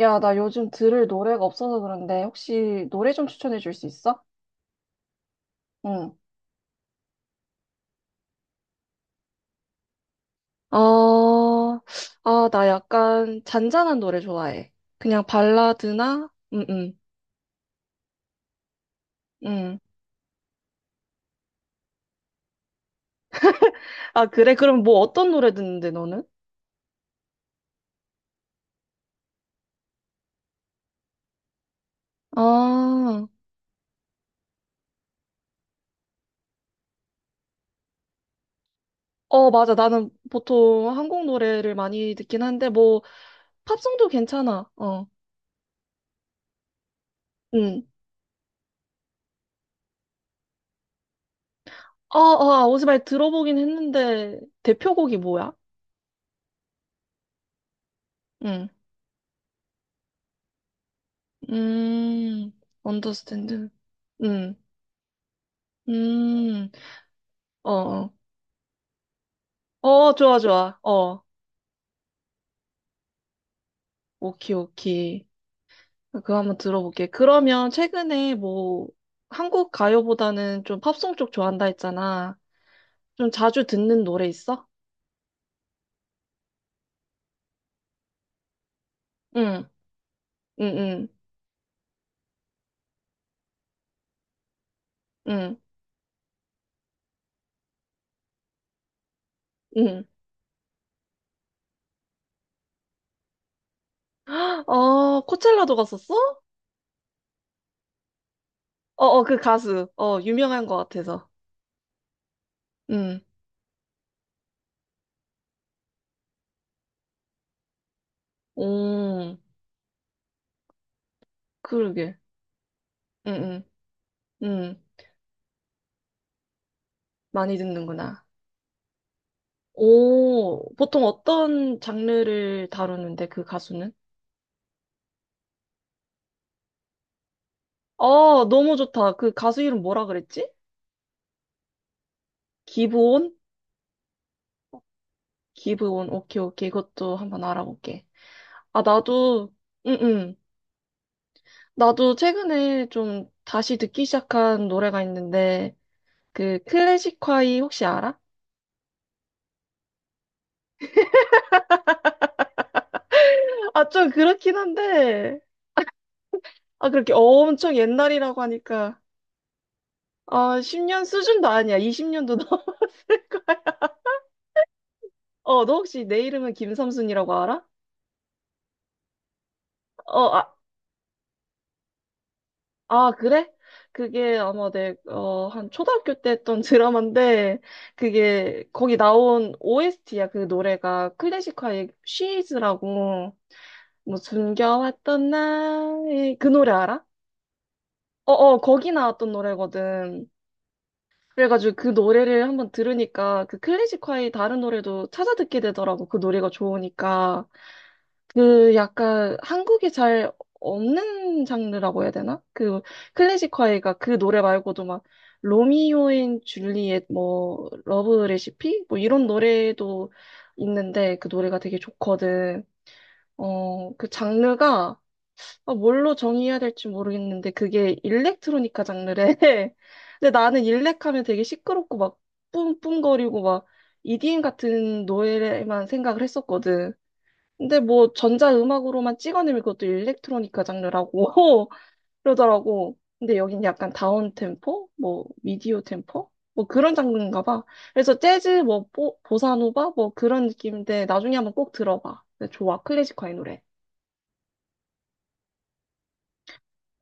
야, 나 요즘 들을 노래가 없어서 그런데 혹시 노래 좀 추천해 줄 수 있어? 응. 어, 아, 나 약간 잔잔한 노래 좋아해. 그냥 발라드나? 응, 응, 응. 아, 그래? 그럼 뭐 어떤 노래 듣는데, 너는? 아, 어, 맞아. 나는 보통 한국 노래를 많이 듣긴 한데, 뭐, 팝송도 괜찮아. 어, 응. 아, 아, 오즈발 들어보긴 했는데, 대표곡이 뭐야? 응. 음, 언더스탠드. 응. 음, 어, 어, 어, 좋아, 좋아. 어, 오키, 오키. 그거 한번 들어볼게. 그러면 최근에 뭐, 한국 가요보다는 좀 팝송 쪽 좋아한다 했잖아. 좀 자주 듣는 노래 있어? 응, 응, 응, 응, 응. 어, 코첼라도 갔었어? 어, 어, 그 가수. 어, 유명한 것 같아서. 응, 오, 그러게. 응, 응, 응. 많이 듣는구나. 오, 보통 어떤 장르를 다루는데, 그 가수는? 어, 너무 좋다. 그 가수 이름 뭐라 그랬지? 기브온? 기브온. 오케이, 오케이. 이것도 한번 알아볼게. 아, 나도. 응, 응. 나도 최근에 좀 다시 듣기 시작한 노래가 있는데, 그 클래식화이 혹시 알아? 아, 좀 그렇긴 한데, 아, 그렇게 엄청 옛날이라고 하니까, 아, 10년 수준도 아니야. 20년도 넘 어, 너 혹시 내 이름은 김삼순이라고 알아? 어, 아, 그래? 그게 아마 내, 어, 한 초등학교 때 했던 드라마인데, 그게, 거기 나온 OST야, 그 노래가. 클래식화의 She's라고, 뭐, 숨겨왔던 나의, 그 노래 알아? 어어, 거기 나왔던 노래거든. 그래가지고 그 노래를 한번 들으니까, 그 클래식화의 다른 노래도 찾아 듣게 되더라고, 그 노래가 좋으니까. 그 약간 한국에 잘 없는 장르라고 해야 되나? 그 클래식 화해가 그 노래 말고도 막 로미오 앤 줄리엣 뭐 러브 레시피 뭐 이런 노래도 있는데 그 노래가 되게 좋거든. 어, 그 장르가 아, 뭘로 정의해야 될지 모르겠는데 그게 일렉트로니카 장르래. 근데 나는 일렉하면 되게 시끄럽고 막 뿜뿜거리고 막 EDM 같은 노래만 생각을 했었거든. 근데 뭐 전자음악으로만 찍어내면 그것도 일렉트로니카 장르라고 그러더라고. 근데 여긴 약간 다운템포? 뭐 미디어 템포? 뭐 그런 장르인가 봐. 그래서 재즈, 뭐 보, 보사노바? 뭐 그런 느낌인데 나중에 한번 꼭 들어봐. 근데 좋아. 클래식화의 노래.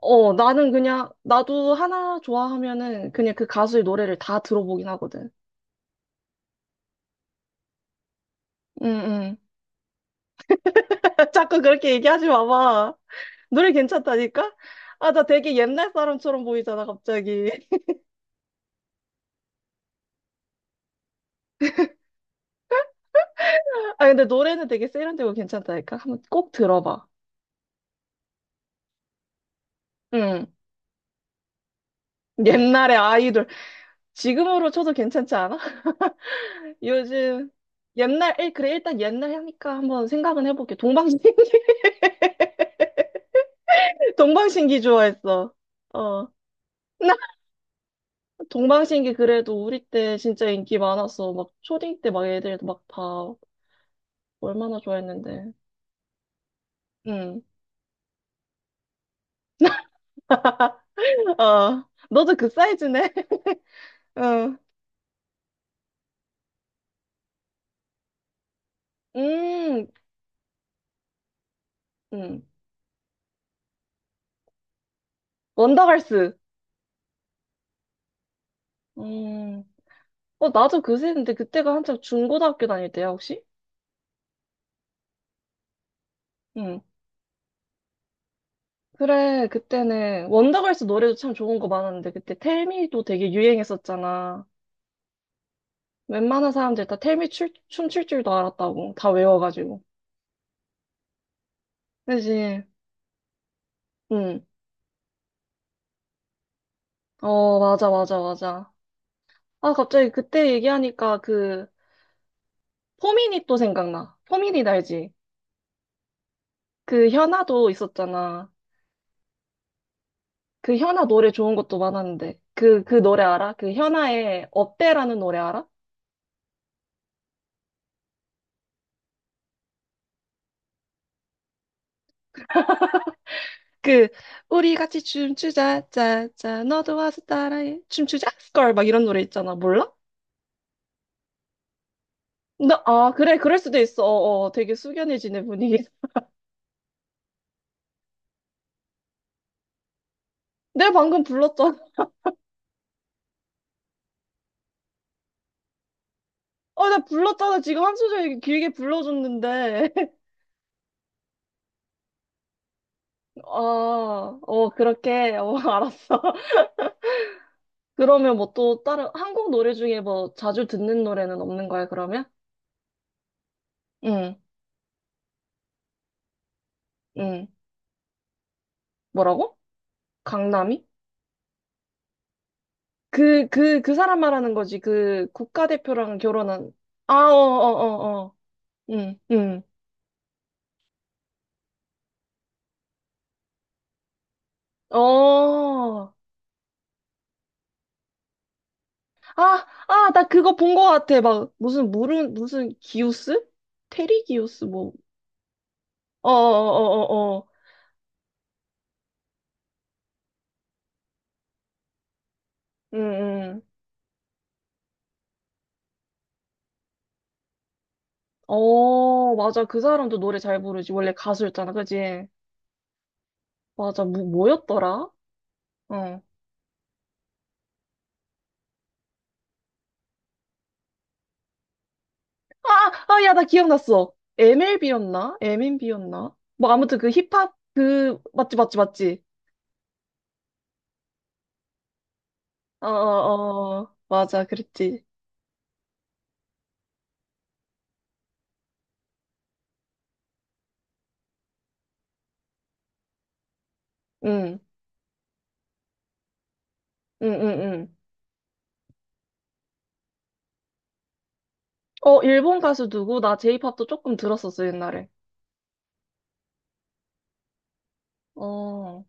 어, 나는 그냥 나도 하나 좋아하면은 그냥 그 가수의 노래를 다 들어보긴 하거든. 응응. 자꾸 그렇게 얘기하지 마봐. 노래 괜찮다니까? 아, 나 되게 옛날 사람처럼 보이잖아, 갑자기. 아, 근데 노래는 되게 세련되고 괜찮다니까? 한번 꼭 들어봐. 응. 옛날의 아이돌. 지금으로 쳐도 괜찮지 않아? 요즘, 옛날, 그래, 일단 옛날 하니까 한번 생각은 해볼게. 동방신기. 동방신기 좋아했어. 어. 나 동방신기 그래도 우리 때 진짜 인기 많았어. 막 초딩 때 막 애들 막 다 얼마나 좋아했는데. 응. 어. 너도 그 사이즈네? 응. 음, 음. 원더걸스. 음. 어, 나도 그새 했는데 그때가 한창 중고등학교 다닐 때야, 혹시? 응. 그래, 그때는 원더걸스 노래도 참 좋은 거 많았는데 그때 텔미도 되게 유행했었잖아. 웬만한 사람들 다 텔미 춤출 줄도 알았다고. 다 외워가지고. 그지? 응. 어, 맞아, 맞아, 맞아. 아, 갑자기 그때 얘기하니까 그 포미닛 또 생각나. 포미닛 알지? 그 현아도 있었잖아. 그 현아 노래 좋은 것도 많았는데. 그 노래 알아? 그 현아의 업대라는 노래 알아? 그 우리 같이 춤추자 짜짜 너도 와서 따라해 춤추자 스컬 막 이런 노래 있잖아 몰라? 나, 아 그래 그럴 수도 있어. 어, 어, 되게 숙연해지네 분위기. 내가 방금 불렀잖아. 어 나 불렀잖아. 지금 한 소절 길게 불러줬는데. 아어 그렇게 어 알았어. 그러면 뭐 또 다른 한국 노래 중에 뭐 자주 듣는 노래는 없는 거야 그러면? 응응. 뭐라고? 강남이? 그 사람 말하는 거지. 그 국가대표랑 결혼한. 아, 어, 어, 어, 어. 응, 응. 어. 아, 아, 나 그거 본 거 같아. 막, 무슨, 물은, 무슨, 기우스? 테리 기우스, 뭐. 어, 어, 어, 어, 어. 응, 응. 어, 맞아. 그 사람도 노래 잘 부르지. 원래 가수였잖아. 그지? 맞아. 뭐였더라? 어. 아, 아, 야, 나 기억났어. MLB였나? MNB였나? 뭐, 아무튼 그 힙합, 그, 맞지, 맞지, 맞지. 어, 어, 어. 맞아, 그랬지. 응, 응, 응, 응. 어, 일본 가수 누구? 나 J-pop도 조금 들었었어, 옛날에. 어.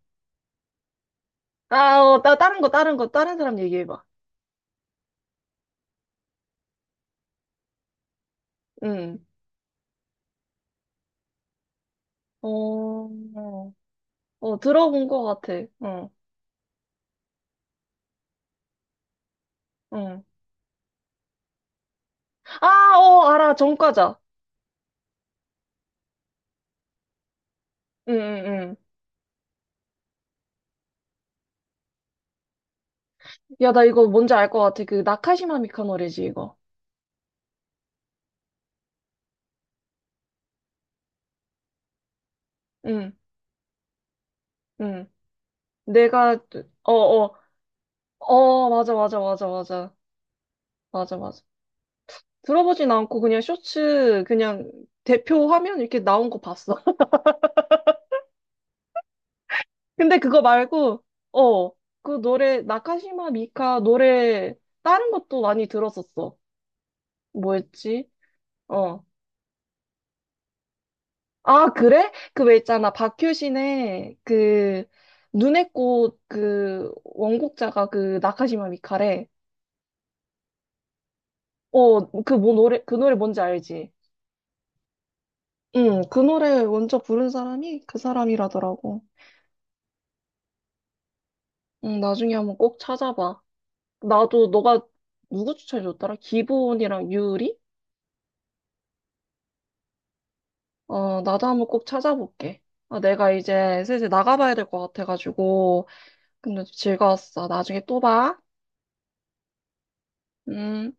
아, 어, 나 다른 사람 얘기해봐. 응. 어, 어, 들어본 거 같아. 응, 응. 아, 어, 알아, 정과자. 응, 응, 응. 야, 나 이거 뭔지 알 것 같아. 그, 나카시마 미카 노래지, 이거. 응, 응. 내가, 어, 어, 어, 맞아, 맞아, 맞아, 맞아. 맞아, 맞아. 들어보진 않고 그냥 쇼츠 그냥 대표 화면 이렇게 나온 거 봤어. 근데 그거 말고 어, 그 노래 나카시마 미카 노래 다른 것도 많이 들었었어. 뭐였지? 어. 아, 그래? 그 왜 있잖아. 박효신의 그 눈의 꽃 그 원곡자가 그 나카시마 미카래. 어, 그 뭐 노래 그 노래 뭔지 알지? 응, 그 노래 먼저 부른 사람이 그 사람이라더라고. 응, 나중에 한번 꼭 찾아봐. 나도 너가 누구 추천해줬더라? 기본이랑 유리? 어, 나도 한번 꼭 찾아볼게. 아, 내가 이제 슬슬 나가봐야 될 것 같아가지고. 근데 즐거웠어. 나중에 또 봐. 음.